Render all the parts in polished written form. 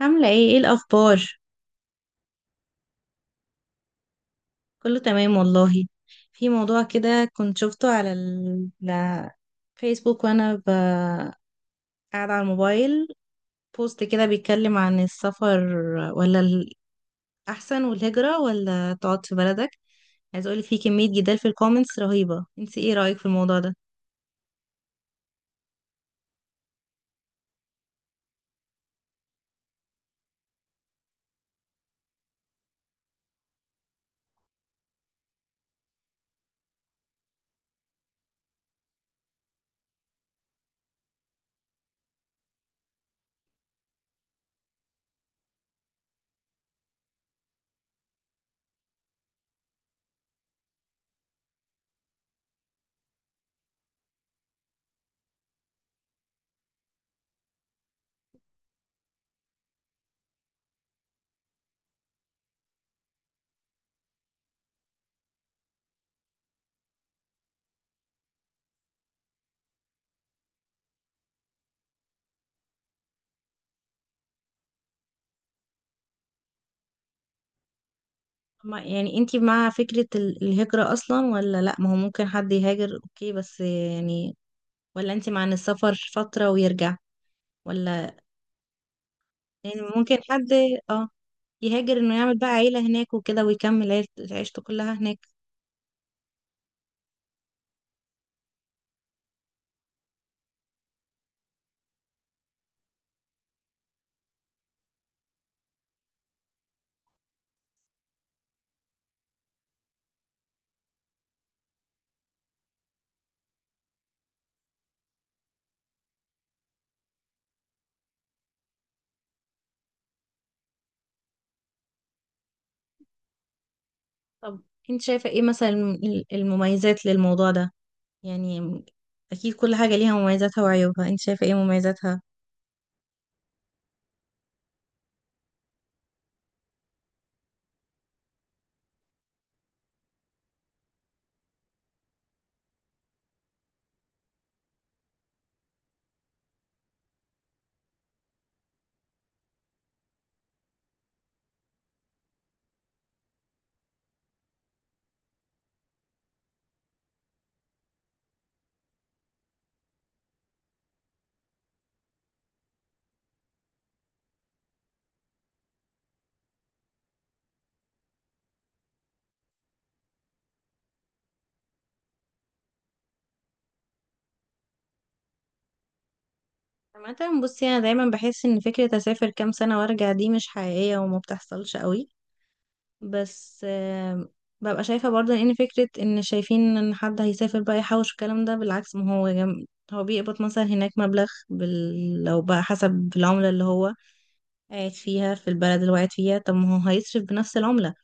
عاملة ايه الأخبار؟ كله تمام والله. في موضوع كده كنت شفته على الفيسبوك وأنا قاعدة على الموبايل. بوست كده بيتكلم عن السفر ولا الأحسن والهجرة ولا تقعد في بلدك. عايز أقولك في كمية جدال في الكومنتس رهيبة، انت ايه رأيك في الموضوع ده؟ يعني انت مع فكرة الهجرة أصلا ولا لأ؟ ما هو ممكن حد يهاجر اوكي، بس يعني ولا انت مع ان السفر فترة ويرجع، ولا يعني ممكن حد، اه، يهاجر انه يعمل بقى عيلة هناك وكده ويكمل عيشته كلها هناك؟ طب انت شايفة ايه مثلا المميزات للموضوع ده؟ يعني اكيد كل حاجة ليها مميزاتها وعيوبها، انت شايفة ايه مميزاتها؟ عامة بصي، انا دايما بحس ان فكرة اسافر كام سنة وارجع دي مش حقيقية وما بتحصلش قوي. بس ببقى شايفة برضه ان فكرة ان شايفين ان حد هيسافر بقى يحوش الكلام ده بالعكس، ما هو هو بيقبض مثلا هناك مبلغ لو بقى حسب العملة اللي هو قاعد فيها، في البلد اللي هو قاعد فيها. طب ما هو هيصرف بنفس العملة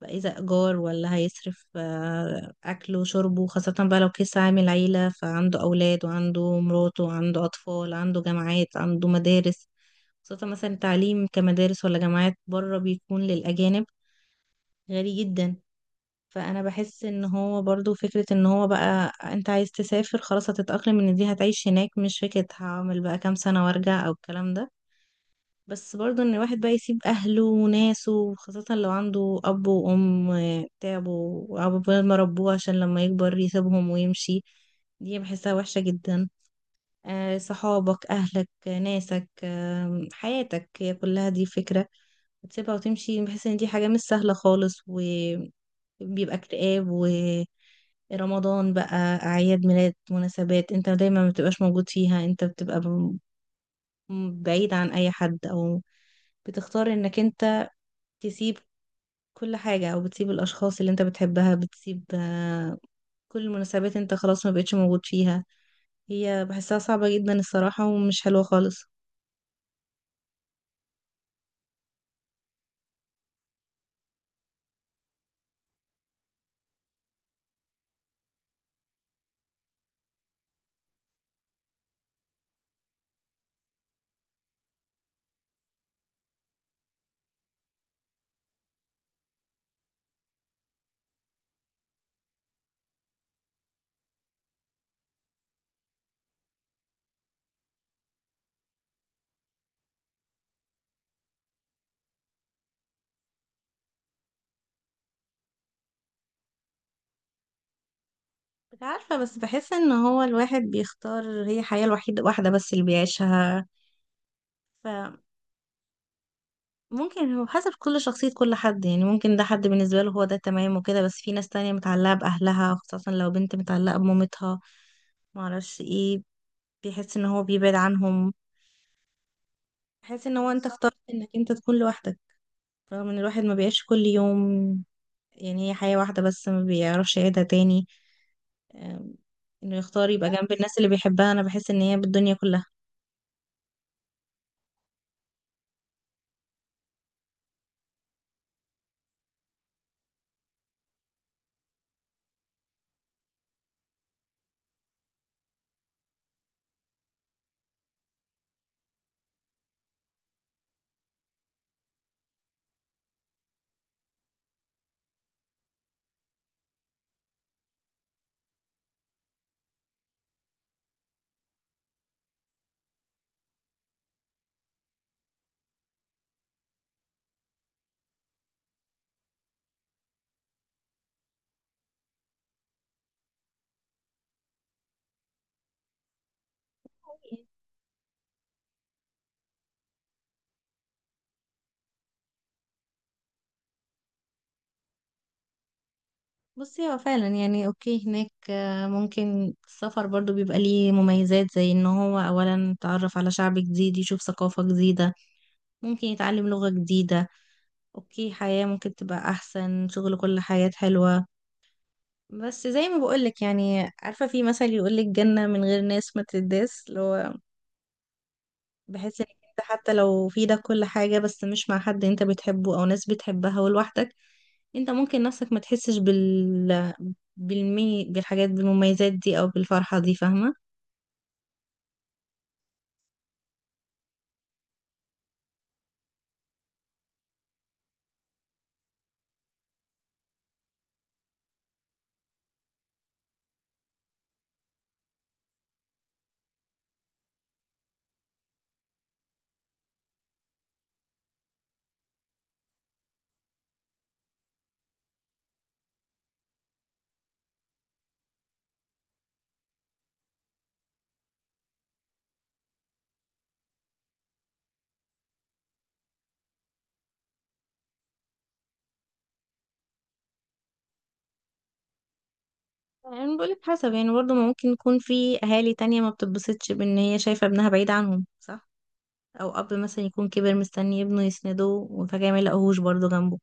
بقى، إذا إيجار ولا هيصرف أكله وشربه، خاصة بقى لو كيس عامل عيلة فعنده أولاد وعنده مراته وعنده أطفال، عنده جامعات، عنده مدارس. خاصة مثلا التعليم، كمدارس ولا جامعات، بره بيكون للأجانب غالي جدا. فأنا بحس إن هو برضو فكرة إن هو بقى أنت عايز تسافر خلاص هتتأقلم إن دي هتعيش هناك، مش فكرة هعمل بقى كام سنة وأرجع أو الكلام ده. بس برضه ان الواحد بقى يسيب اهله وناسه، خاصة لو عنده اب وام تعبوا وعقبال ما ربوه عشان لما يكبر يسيبهم ويمشي، دي بحسها وحشة جدا. صحابك، اهلك، ناسك، حياتك هي كلها، دي فكرة تسيبها وتمشي. بحس ان دي حاجة مش سهلة خالص، وبيبقى اكتئاب. ورمضان بقى، اعياد ميلاد، مناسبات انت دايما ما بتبقاش موجود فيها. انت بتبقى بعيد عن اي حد، او بتختار انك انت تسيب كل حاجة، او بتسيب الاشخاص اللي انت بتحبها، بتسيب كل المناسبات انت خلاص ما بقتش موجود فيها. هي بحسها صعبة جدا الصراحة ومش حلوة خالص. مش عارفة، بس بحس ان هو الواحد بيختار، هي الحياة الوحيدة واحدة بس اللي بيعيشها. فممكن هو حسب كل شخصية، كل حد يعني، ممكن ده حد بالنسبة له هو ده تمام وكده، بس في ناس تانية متعلقة بأهلها، خاصة لو بنت متعلقة بمامتها، معرفش ايه، بيحس ان هو بيبعد عنهم. بيحس ان هو انت بالظبط اخترت انك انت تكون لوحدك، رغم ان الواحد ما بيعيش كل يوم، يعني هي حياة واحدة بس ما بيعرفش يعيدها تاني. أم، انه يختار يبقى جنب الناس اللي بيحبها، انا بحس ان هي بالدنيا كلها. بصي هو فعلا يعني اوكي هناك، ممكن السفر برضو بيبقى ليه مميزات، زي ان هو اولا يتعرف على شعب جديد، يشوف ثقافة جديدة، ممكن يتعلم لغة جديدة. اوكي حياة ممكن تبقى احسن، شغل، كل حياة حلوة. بس زي ما بقولك، يعني عارفة في مثل يقولك جنة من غير ناس ما تداس، اللي هو بحيث انك انت حتى لو في ده كل حاجة بس مش مع حد انت بتحبه او ناس بتحبها ولوحدك، انت ممكن نفسك ما تحسش بالحاجات بالمميزات دي او بالفرحة دي، فاهمة؟ يعني بقولك حسب، يعني برضه ما ممكن يكون في اهالي تانية ما بتتبسطش بان هي شايفة ابنها بعيد عنهم، صح؟ او اب مثلا يكون كبر مستني ابنه يسنده وفجأة ما يلاقوهوش برضه جنبه.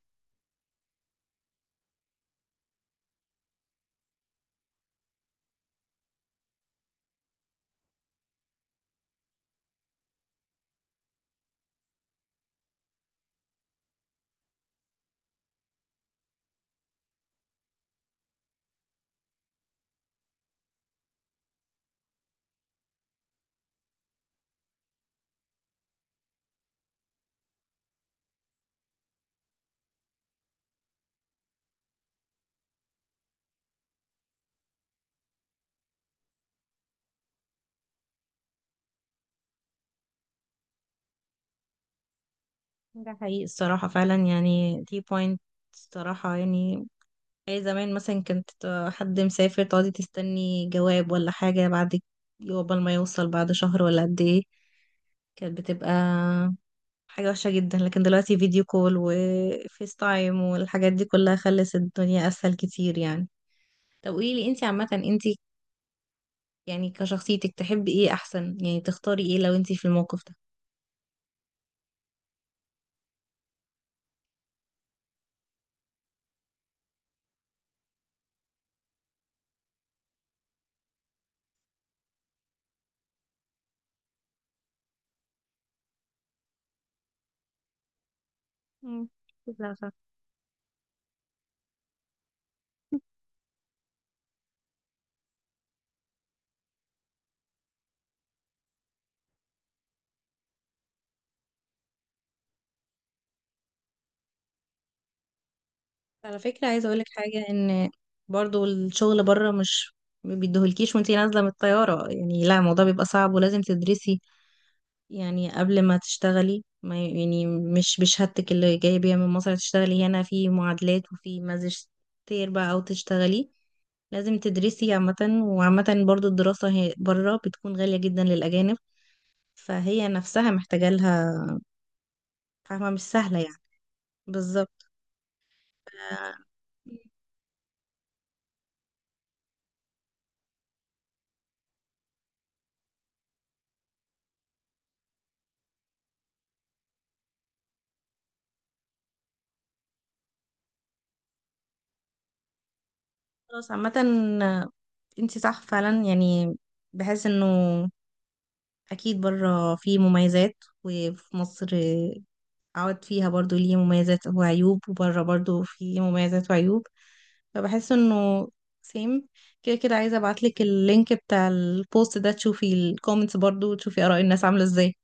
ده حقيقي الصراحة، فعلا يعني دي بوينت الصراحة يعني. أي زمان مثلا كنت حد مسافر تقعدي تستني جواب ولا حاجة بعد، قبل ما يوصل بعد شهر ولا قد ايه، كانت بتبقى حاجة وحشة جدا. لكن دلوقتي فيديو كول وفيس تايم والحاجات دي كلها خلت الدنيا أسهل كتير يعني. طب قوليلي انتي عامة، انتي يعني كشخصيتك تحبي ايه أحسن؟ يعني تختاري ايه لو انتي في الموقف ده؟ مم. على فكرة عايزة اقولك حاجة، ان برضو الشغل بره مش ما بيديهولكيش وانتي نازلة من الطيارة يعني. لا الموضوع بيبقى صعب ولازم تدرسي يعني قبل ما تشتغلي، ما يعني مش بشهادتك اللي جاية بيها من مصر تشتغلي، هنا في معادلات وفي ماجستير بقى او تشتغلي، لازم تدرسي عامة. وعامة برضو الدراسة هي بره بتكون غالية جدا للأجانب، فهي نفسها محتاجة لها، فاهمة؟ مش سهلة يعني. بالظبط. آه، خلاص عامة انتي صح فعلا يعني. بحس انه اكيد بره فيه مميزات، وفي مصر عوض فيها برضو ليه مميزات وعيوب، وبره برضو فيه مميزات وعيوب. فبحس انه سيم كده كده. عايزة ابعتلك اللينك بتاع البوست ده تشوفي الكومنتس برضو وتشوفي اراء الناس عاملة ازاي.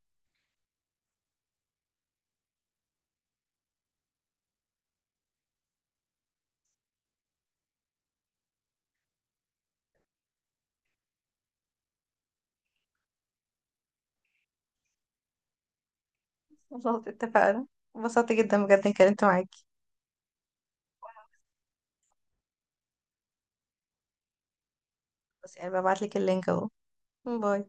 خلاص اتفقنا. انبسطت جدا بجد اني اتكلمت معاكي. بس يعني ببعتلك اللينك اهو. باي.